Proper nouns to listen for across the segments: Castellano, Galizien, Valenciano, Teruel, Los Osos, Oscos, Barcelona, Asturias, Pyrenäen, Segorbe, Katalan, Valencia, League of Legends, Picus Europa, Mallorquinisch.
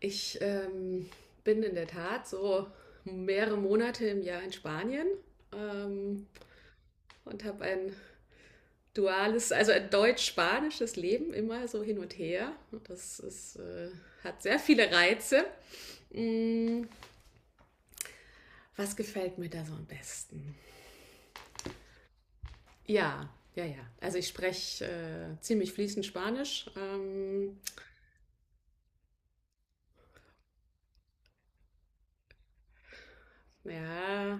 Ich bin in der Tat so mehrere Monate im Jahr in Spanien ähm, und habe ein duales, also ein deutsch-spanisches Leben, immer so hin und her. Das hat sehr viele Reize. Mm, Was gefällt mir da so am besten? Ja, ja, ja. Also ich spreche ziemlich fließend Spanisch. Ja,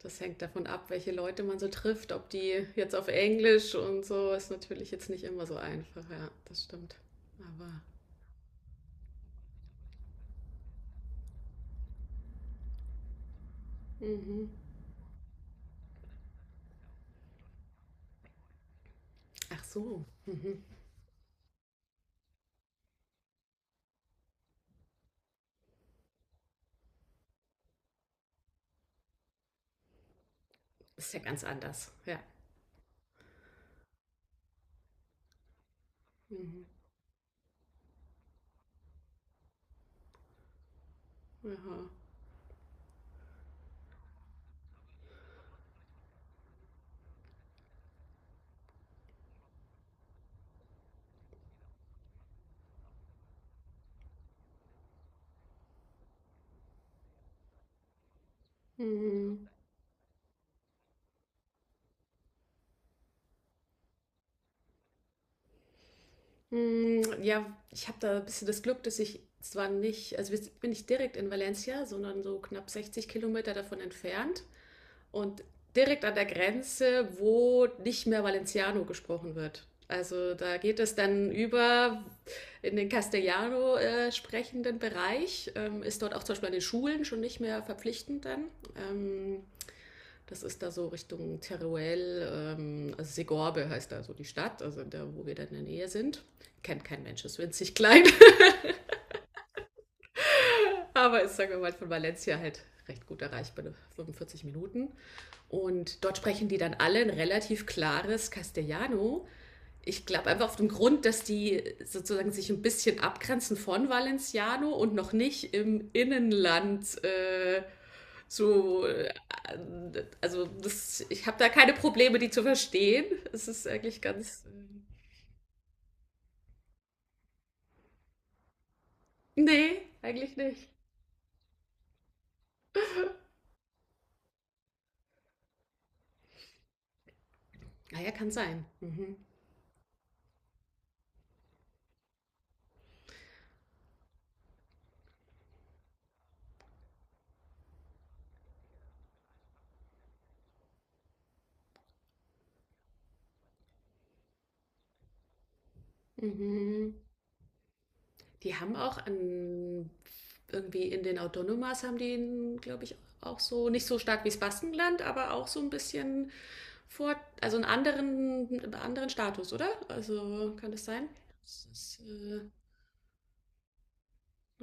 das hängt davon ab, welche Leute man so trifft, ob die jetzt auf Englisch und so, ist natürlich jetzt nicht immer so einfach, ja, das stimmt. Aber, mhm. Ach so, mhm. Ist ja ganz anders, ja. Mhm. Aha. Mhm. Ja, ich habe da ein bisschen das Glück, dass ich zwar nicht, also wir bin ich direkt in Valencia, sondern so knapp 60 Kilometer davon entfernt. Und direkt an der Grenze, wo nicht mehr Valenciano gesprochen wird. Also da geht es dann über in den Castellano sprechenden Bereich, ist dort auch zum Beispiel an den Schulen schon nicht mehr verpflichtend dann. Ähm, Das ist da so Richtung Teruel, also Segorbe heißt da so die Stadt, also da, wo wir dann in der Nähe sind. Kennt kein Mensch, ist winzig klein, aber ist, sagen wir mal, von Valencia halt recht gut erreichbar, 45 Minuten. Und dort sprechen die dann alle ein relativ klares Castellano. Ich glaube einfach auf dem Grund, dass die sozusagen sich ein bisschen abgrenzen von Valenciano und noch nicht im Innenland so. Also, das, ich habe da keine Probleme, die zu verstehen. Es ist eigentlich ganz. Nee, eigentlich nicht. Naja, kann sein. Mhm. Mhm. Die haben auch an, irgendwie in den Autonomas haben die, glaube ich, auch so, nicht so stark wie das Baskenland, aber auch so ein bisschen vor, also einen anderen Status, oder? Also kann das sein? Das ist,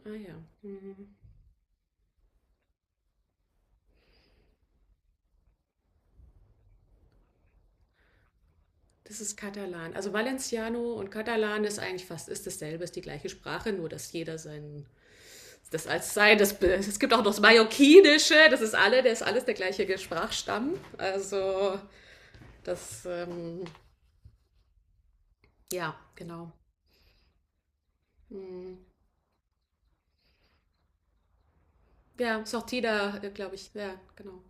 ah ja. Mhm. Das ist Katalan. Also Valenciano und Katalan ist eigentlich fast ist dasselbe, ist die gleiche Sprache, nur dass jeder sein das als sein. Das, es gibt auch noch das Mallorquinische, das ist alle, der ist alles der gleiche Sprachstamm. Also das ja, genau. Mhm. Ja, ist auch Tida, glaube ich. Ja, genau.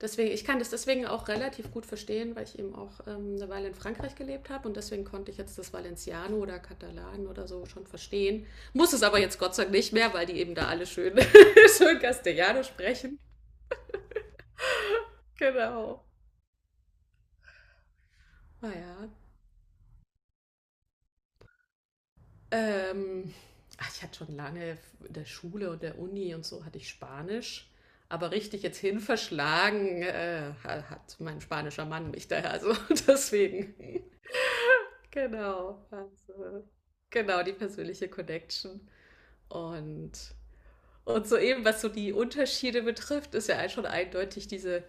Deswegen, ich kann das deswegen auch relativ gut verstehen, weil ich eben auch eine Weile in Frankreich gelebt habe und deswegen konnte ich jetzt das Valenciano oder Katalan oder so schon verstehen. Muss es aber jetzt Gott sei Dank nicht mehr, weil die eben da alle schön, schön Castellano sprechen. Genau. Naja, Ähm, ach, ich hatte schon lange in der Schule und der Uni und so hatte ich Spanisch. Aber richtig jetzt hin verschlagen hat mein spanischer Mann mich daher. Also deswegen. Genau. Also, genau, die persönliche Connection. Und und soeben, was so die Unterschiede betrifft, ist ja schon eindeutig diese,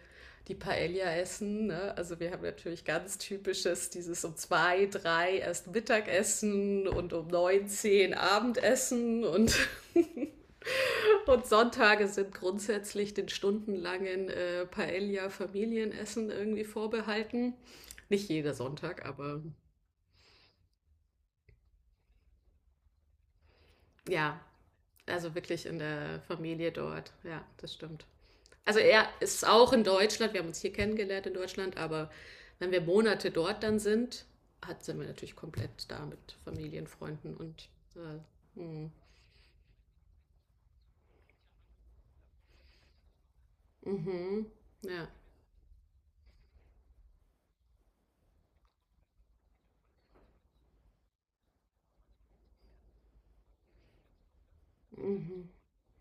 die Paella essen. Ne? Also wir haben natürlich ganz typisches, dieses um zwei, drei erst Mittagessen und um neun, zehn Abendessen und, und Sonntage sind grundsätzlich den stundenlangen Paella-Familienessen irgendwie vorbehalten. Nicht jeder Sonntag, aber ja, also wirklich in der Familie dort. Ja, das stimmt. Also er ist auch in Deutschland, wir haben uns hier kennengelernt in Deutschland, aber wenn wir Monate dort dann sind, sind wir natürlich komplett da mit Familien, Freunden und äh, mhm. Mhm. Ja. Mhm.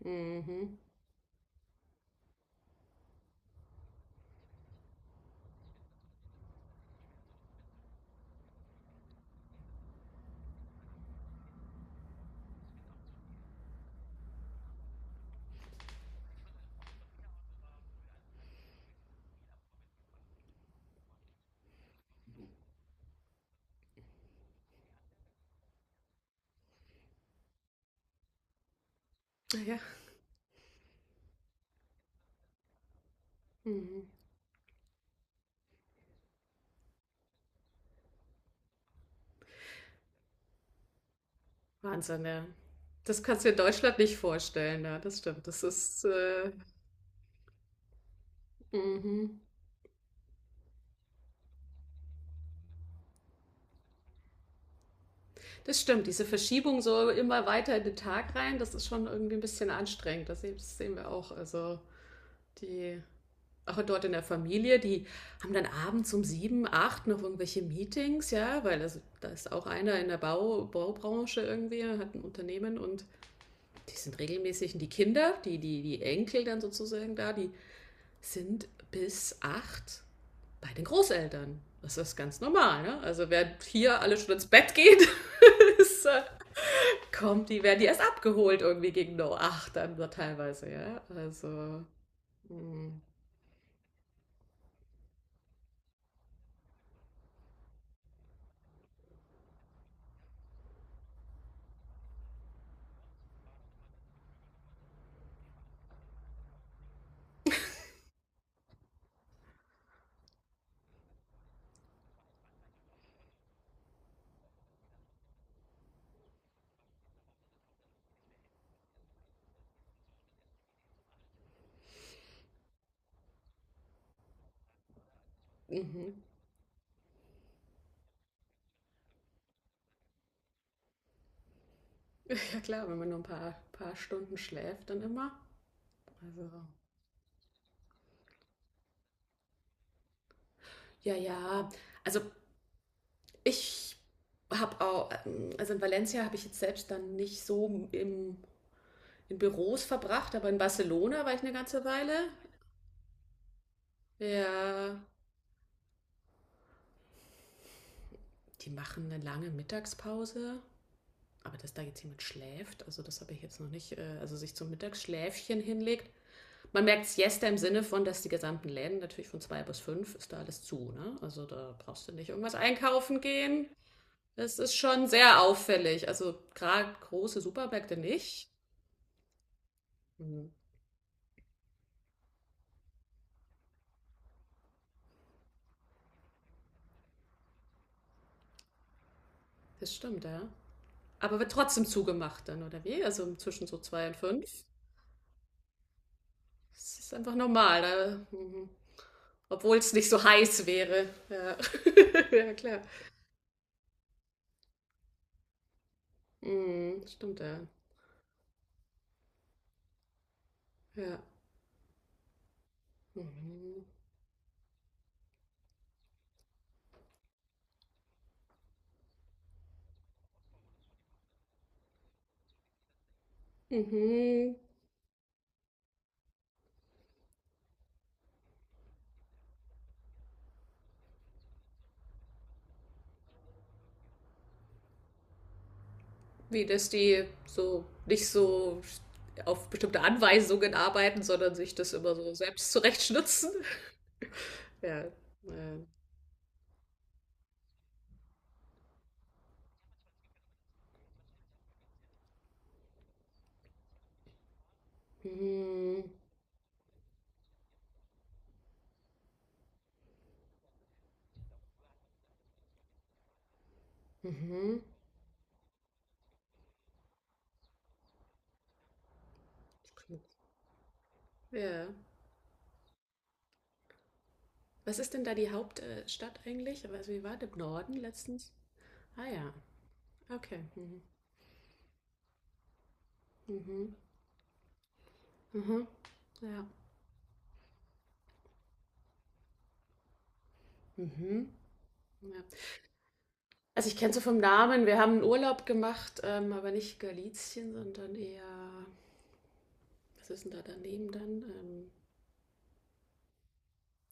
Mhm. Ja. Mhm. Wahnsinn, ja. Das kannst du in Deutschland nicht vorstellen, ja, das stimmt. Das ist, mhm. Das stimmt. Diese Verschiebung so immer weiter in den Tag rein, das ist schon irgendwie ein bisschen anstrengend. Das sehen wir auch. Also die auch dort in der Familie, die haben dann abends um sieben, acht noch irgendwelche Meetings, ja, weil das, da ist auch einer in der Baubranche irgendwie, hat ein Unternehmen und die sind regelmäßig, und die Kinder, die Enkel dann sozusagen da, die sind bis acht bei den Großeltern. Das ist ganz normal, ne? Also wer hier alle schon ins Bett geht, ist, kommt, die werden die erst abgeholt irgendwie gegen acht dann so teilweise, ja. Also. Mh. Mhm. Ja klar, wenn man nur ein paar, paar Stunden schläft, dann immer. Also, ja, ja. Also ich habe auch, also in Valencia habe ich jetzt selbst dann nicht so in Büros verbracht, aber in Barcelona war ich eine ganze Weile. Ja, die machen eine lange Mittagspause. Aber dass da jetzt jemand schläft, also das habe ich jetzt noch nicht, also sich zum Mittagsschläfchen hinlegt. Man merkt Siesta im Sinne von, dass die gesamten Läden natürlich von zwei bis fünf ist da alles zu, ne? Also da brauchst du nicht irgendwas einkaufen gehen. Das ist schon sehr auffällig. Also gerade große Supermärkte nicht. Mhm. Das stimmt, ja. Aber wird trotzdem zugemacht dann, oder wie? Also zwischen so zwei und fünf. Das ist einfach normal, da, mhm. Obwohl es nicht so heiß wäre. Ja, ja klar. Mhm, stimmt, ja. Ja. Mhm. Mhm. Wie, dass die so nicht so auf bestimmte Anweisungen arbeiten, sondern sich das immer so selbst zurechtschnitzen. Ja. Ja. Mhm. Mhm. Das klingt. Ja. Was ist denn da die Hauptstadt eigentlich? Also wie war der Norden letztens? Ah ja, okay. Mhm. Mhm. Mhm. Ja. Mhm. Ja. Also ich kenne so vom Namen, wir haben einen Urlaub gemacht, aber nicht Galizien, sondern eher, was ist denn da daneben dann?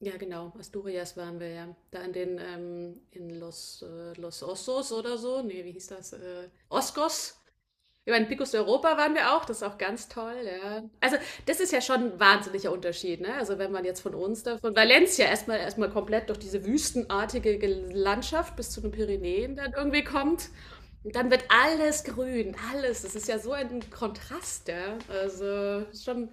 Ja, genau, Asturias waren wir ja. Da in den, in Los Osos oder so. Nee, wie hieß das? Oscos. Über den Picus Europa waren wir auch, das ist auch ganz toll, ja. Also, das ist ja schon ein wahnsinniger Unterschied, ne? Also, wenn man jetzt von uns, da, von Valencia erstmal, komplett durch diese wüstenartige Landschaft bis zu den Pyrenäen dann irgendwie kommt, dann wird alles grün, alles. Das ist ja so ein Kontrast, ja. Also, ist schon,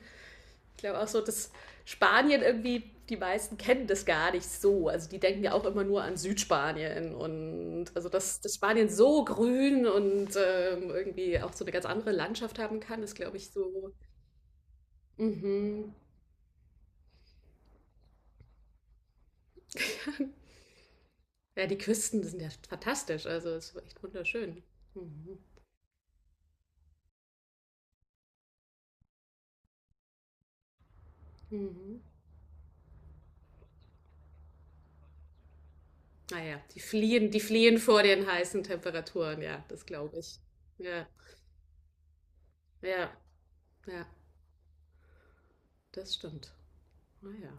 ich glaube auch so, dass Spanien irgendwie, die meisten kennen das gar nicht so. Also die denken ja auch immer nur an Südspanien und also dass Spanien so grün und irgendwie auch so eine ganz andere Landschaft haben kann, ist glaube ich so. Mhm. Ja, die Küsten die sind ja fantastisch, also es ist echt wunderschön. Mhm. Mhm. Naja, die fliehen vor den heißen Temperaturen, ja, das glaube ich. Ja, ja, ja, das stimmt. Naja.